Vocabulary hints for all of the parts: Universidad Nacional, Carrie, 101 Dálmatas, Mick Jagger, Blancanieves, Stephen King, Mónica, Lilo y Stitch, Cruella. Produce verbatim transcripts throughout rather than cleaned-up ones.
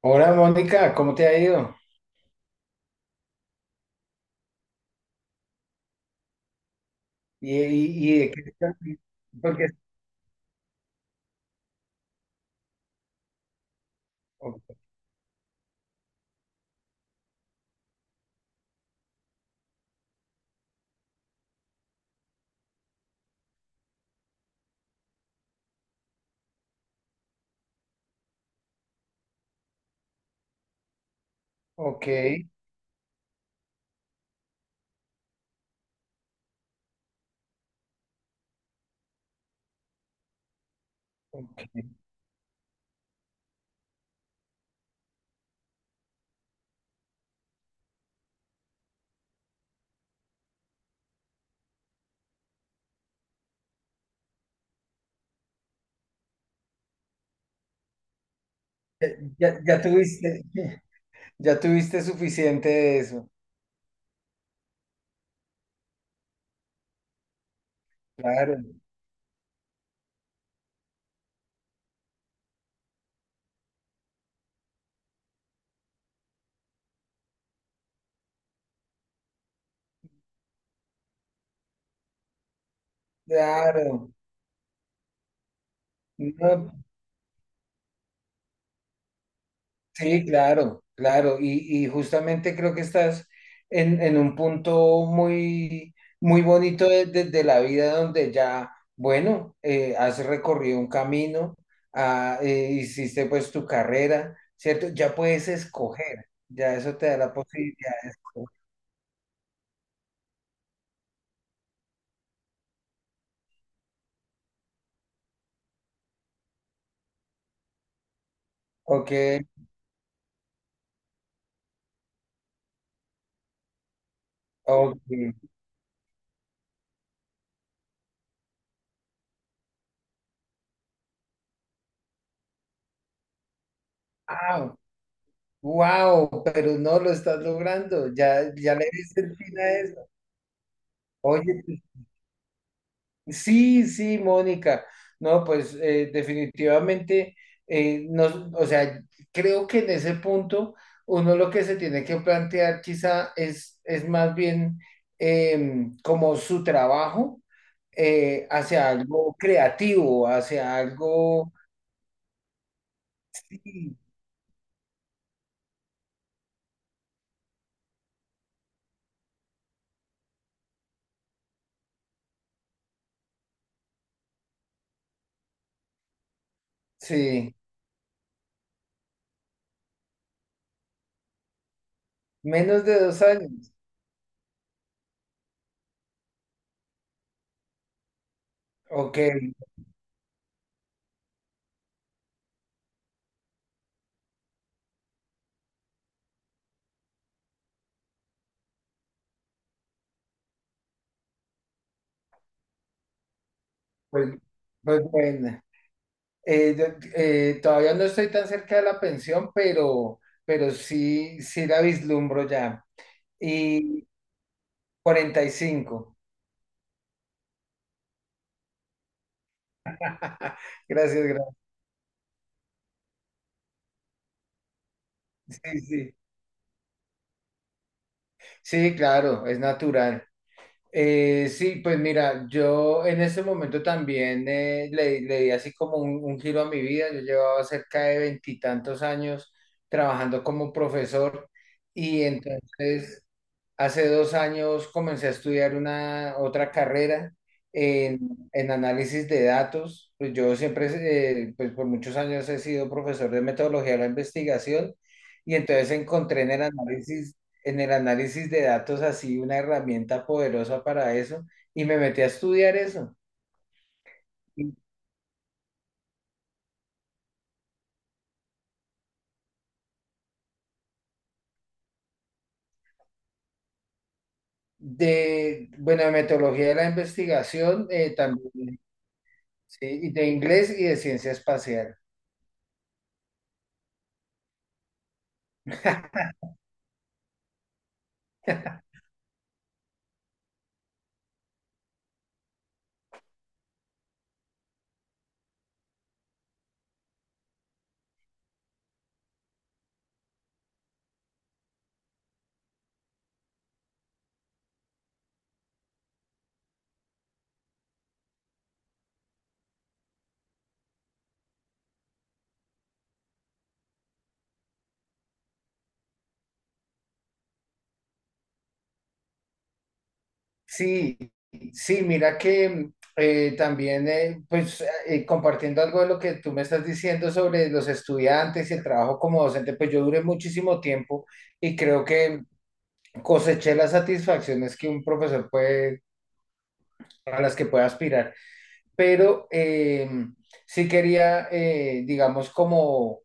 Hola Mónica, ¿cómo te ha ido? ¿Y, y, y de qué estás? Porque, ok, ok. Ya, ya- ya tuviste, ya tuviste suficiente de eso. Claro, claro. No, sí, claro, claro. Y, y justamente creo que estás en, en un punto muy, muy bonito de, de- de la vida donde ya, bueno, eh, has recorrido un camino, ah, eh, hiciste pues tu carrera, ¿cierto? Ya puedes escoger, ya eso te da la posibilidad de escoger. Ok, ok. Wow, wow, pero no lo estás logrando, ya, ya le diste el fin a eso. Oye, sí, sí, Mónica. No, pues eh, definitivamente, eh, nos- o sea, creo que en ese punto uno lo que se tiene que plantear quizá es, es más bien em, como su trabajo eh, hacia algo creativo, hacia algo, sí, menos de dos años. Ok, pues, pues bueno. Eh, de- eh, Todavía no estoy tan cerca de la pensión, pero, pero sí, sí la vislumbro ya. Y cuarenta y cinco. Gracias, gracias. Sí, sí. Sí, claro, es natural. Eh, sí, pues mira, yo en este momento también eh, le, le di así como un, un giro a mi vida. Yo llevaba cerca de veintitantos años trabajando como profesor y entonces, hace dos años, comencé a estudiar una otra carrera en, en análisis de datos. Pues yo siempre, eh, pues por muchos años he sido profesor de metodología de la investigación y entonces encontré en el análisis, en el análisis de datos así una herramienta poderosa para eso y me metí a estudiar eso. Y de, bueno, de metodología de la investigación, eh, también, sí, y de inglés y de ciencia espacial. Sí, sí, mira que eh, también, eh, pues eh, compartiendo algo de lo que tú me estás diciendo sobre los estudiantes y el trabajo como docente, pues yo duré muchísimo tiempo y creo que coseché las satisfacciones que un profesor puede, a las que puede aspirar, pero eh, sí quería, eh, digamos, como,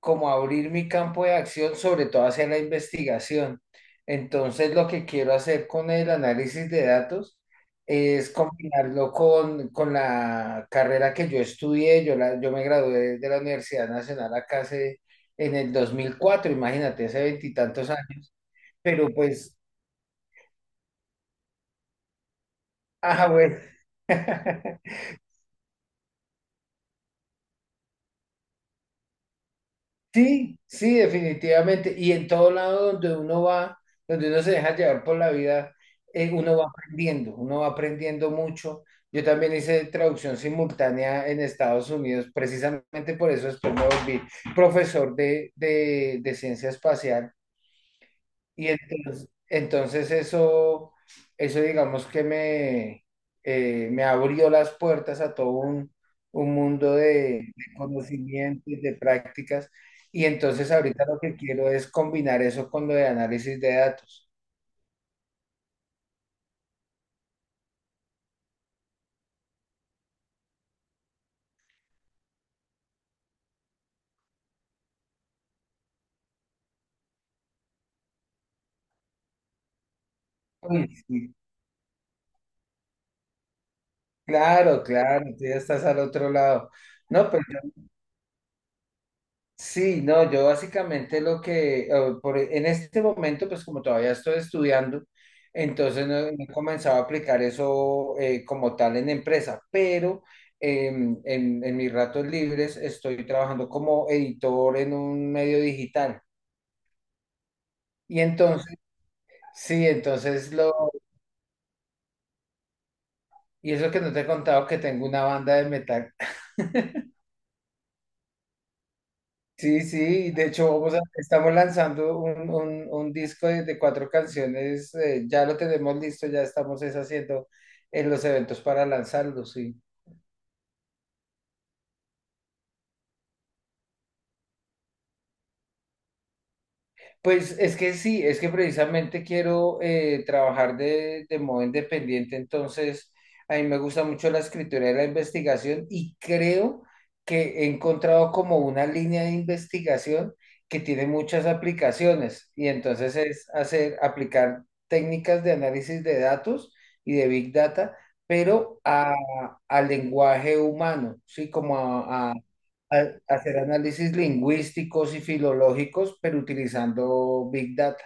como abrir mi campo de acción, sobre todo hacia la investigación. Entonces, lo que quiero hacer con el análisis de datos es combinarlo con, con la carrera que yo estudié. Yo, la, yo me gradué de la Universidad Nacional acá hace, en el dos mil cuatro, imagínate, hace veintitantos años. Pero pues, ah, bueno. Sí, sí, definitivamente. Y en todo lado donde uno va, donde uno se deja llevar por la vida, eh, uno va aprendiendo, uno va aprendiendo mucho. Yo también hice traducción simultánea en Estados Unidos, precisamente por eso después me volví profesor de, de, de ciencia espacial y entonces, entonces eso, eso digamos que me, eh, me abrió las puertas a todo un, un mundo de, de conocimientos, de prácticas. Y entonces ahorita lo que quiero es combinar eso con lo de análisis de datos. Uy, sí, claro, claro, tú ya estás al otro lado. No, pero sí, no, yo básicamente lo que, eh, por- e, en este momento, pues como todavía estoy estudiando, entonces no, no he comenzado a aplicar eso eh, como tal en empresa, pero em, en, en mis ratos libres estoy trabajando como editor en un medio digital. Y entonces, sí, entonces lo, y eso que no te he contado que tengo una banda de metal. Sí, sí, de hecho vamos a- estamos lanzando un, un- un disco de, de cuatro canciones, eh, ya lo tenemos listo, ya estamos es haciendo en los eventos para lanzarlo, sí. Pues es que sí, es que precisamente quiero eh, trabajar de, de modo independiente, entonces a mí me gusta mucho la escritura y la investigación y creo que he encontrado como una línea de investigación que tiene muchas aplicaciones y entonces es hacer, aplicar técnicas de análisis de datos y de big data, pero a, al lenguaje humano, sí, como a a- hacer análisis lingüísticos y filológicos, pero utilizando Big Data.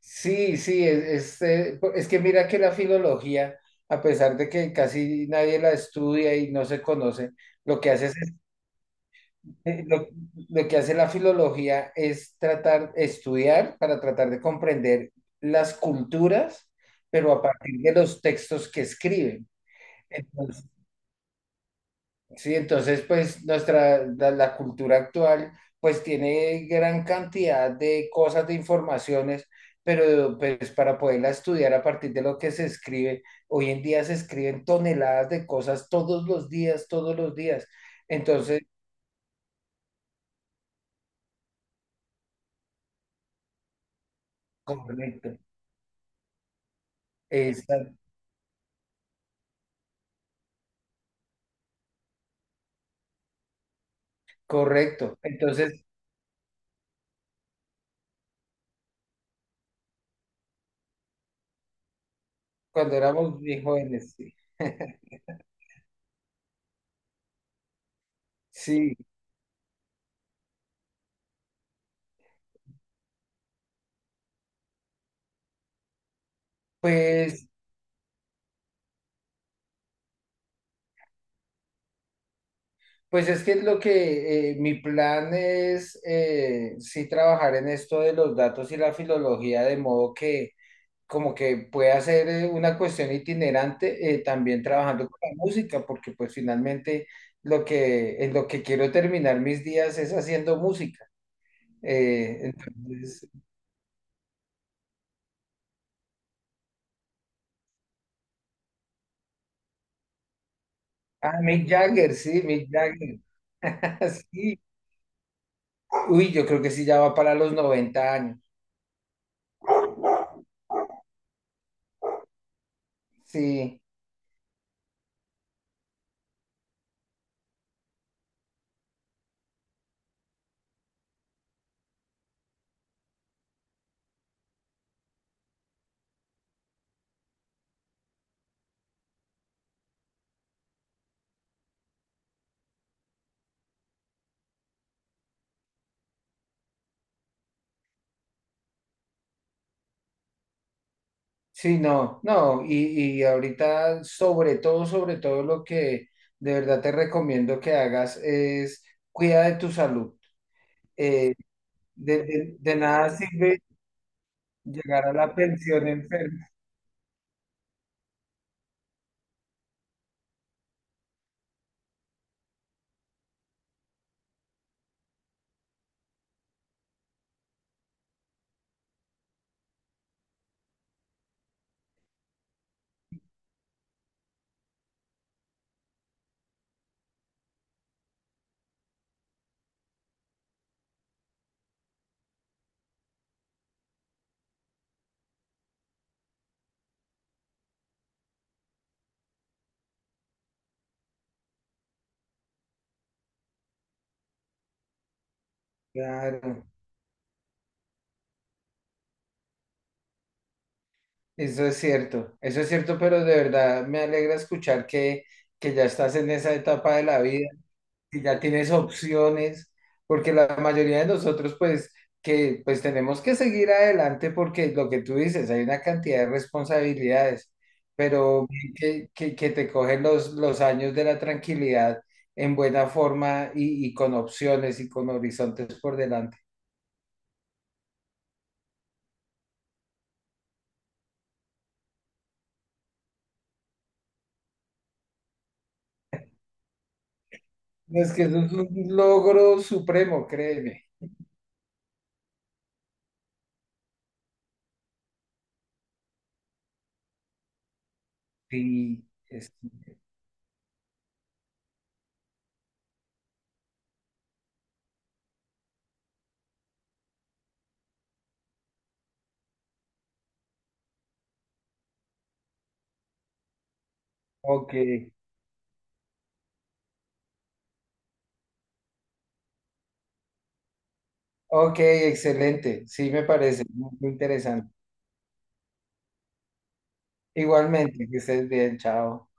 Sí, sí, es, es, eh, po- es que mira que la filología, a pesar de que casi nadie la estudia y no se conoce, lo que hace es, eh, lo, lo que hace la filología es tratar, estudiar para tratar de comprender las culturas, pero a partir de los textos que escriben. Sí, entonces pues nuestra, la, la cultura actual pues tiene gran cantidad de cosas, de informaciones, pero pues para poderla estudiar a partir de lo que se escribe, hoy en día se escriben toneladas de cosas todos los días, todos los días. Entonces, correcto, está correcto. Entonces, cuando éramos bien jóvenes, sí, sí, pues Pues es que es lo que eh, mi plan es, eh, sí trabajar en esto de los datos y la filología, de modo que como que pueda ser eh, una cuestión itinerante, eh, también trabajando con la música, porque pues finalmente lo que, en lo que quiero terminar mis días es haciendo música. Eh, entonces, ah, Mick Jagger, sí, Mick Jagger, sí. Uy, yo creo que sí ya va para los noventa años, sí. Sí, no, no, y, y ahorita sobre todo, sobre todo lo que de verdad te recomiendo que hagas es cuida de tu salud. Eh, de, de- de nada sirve llegar a la pensión enfermo. Claro, eso es cierto, eso es cierto, pero de verdad me alegra escuchar que, que ya estás en esa etapa de la vida. Si ya tienes opciones, porque la mayoría de nosotros pues que pues tenemos que seguir adelante porque lo que tú dices, hay una cantidad de responsabilidades, pero que, que, que te cogen los, los años de la tranquilidad en buena forma y, y con opciones y con horizontes por delante. Es que eso es un logro supremo, créeme. Sí, es- ok, ok, excelente. Sí, me parece muy interesante. Igualmente, que estés bien, chao.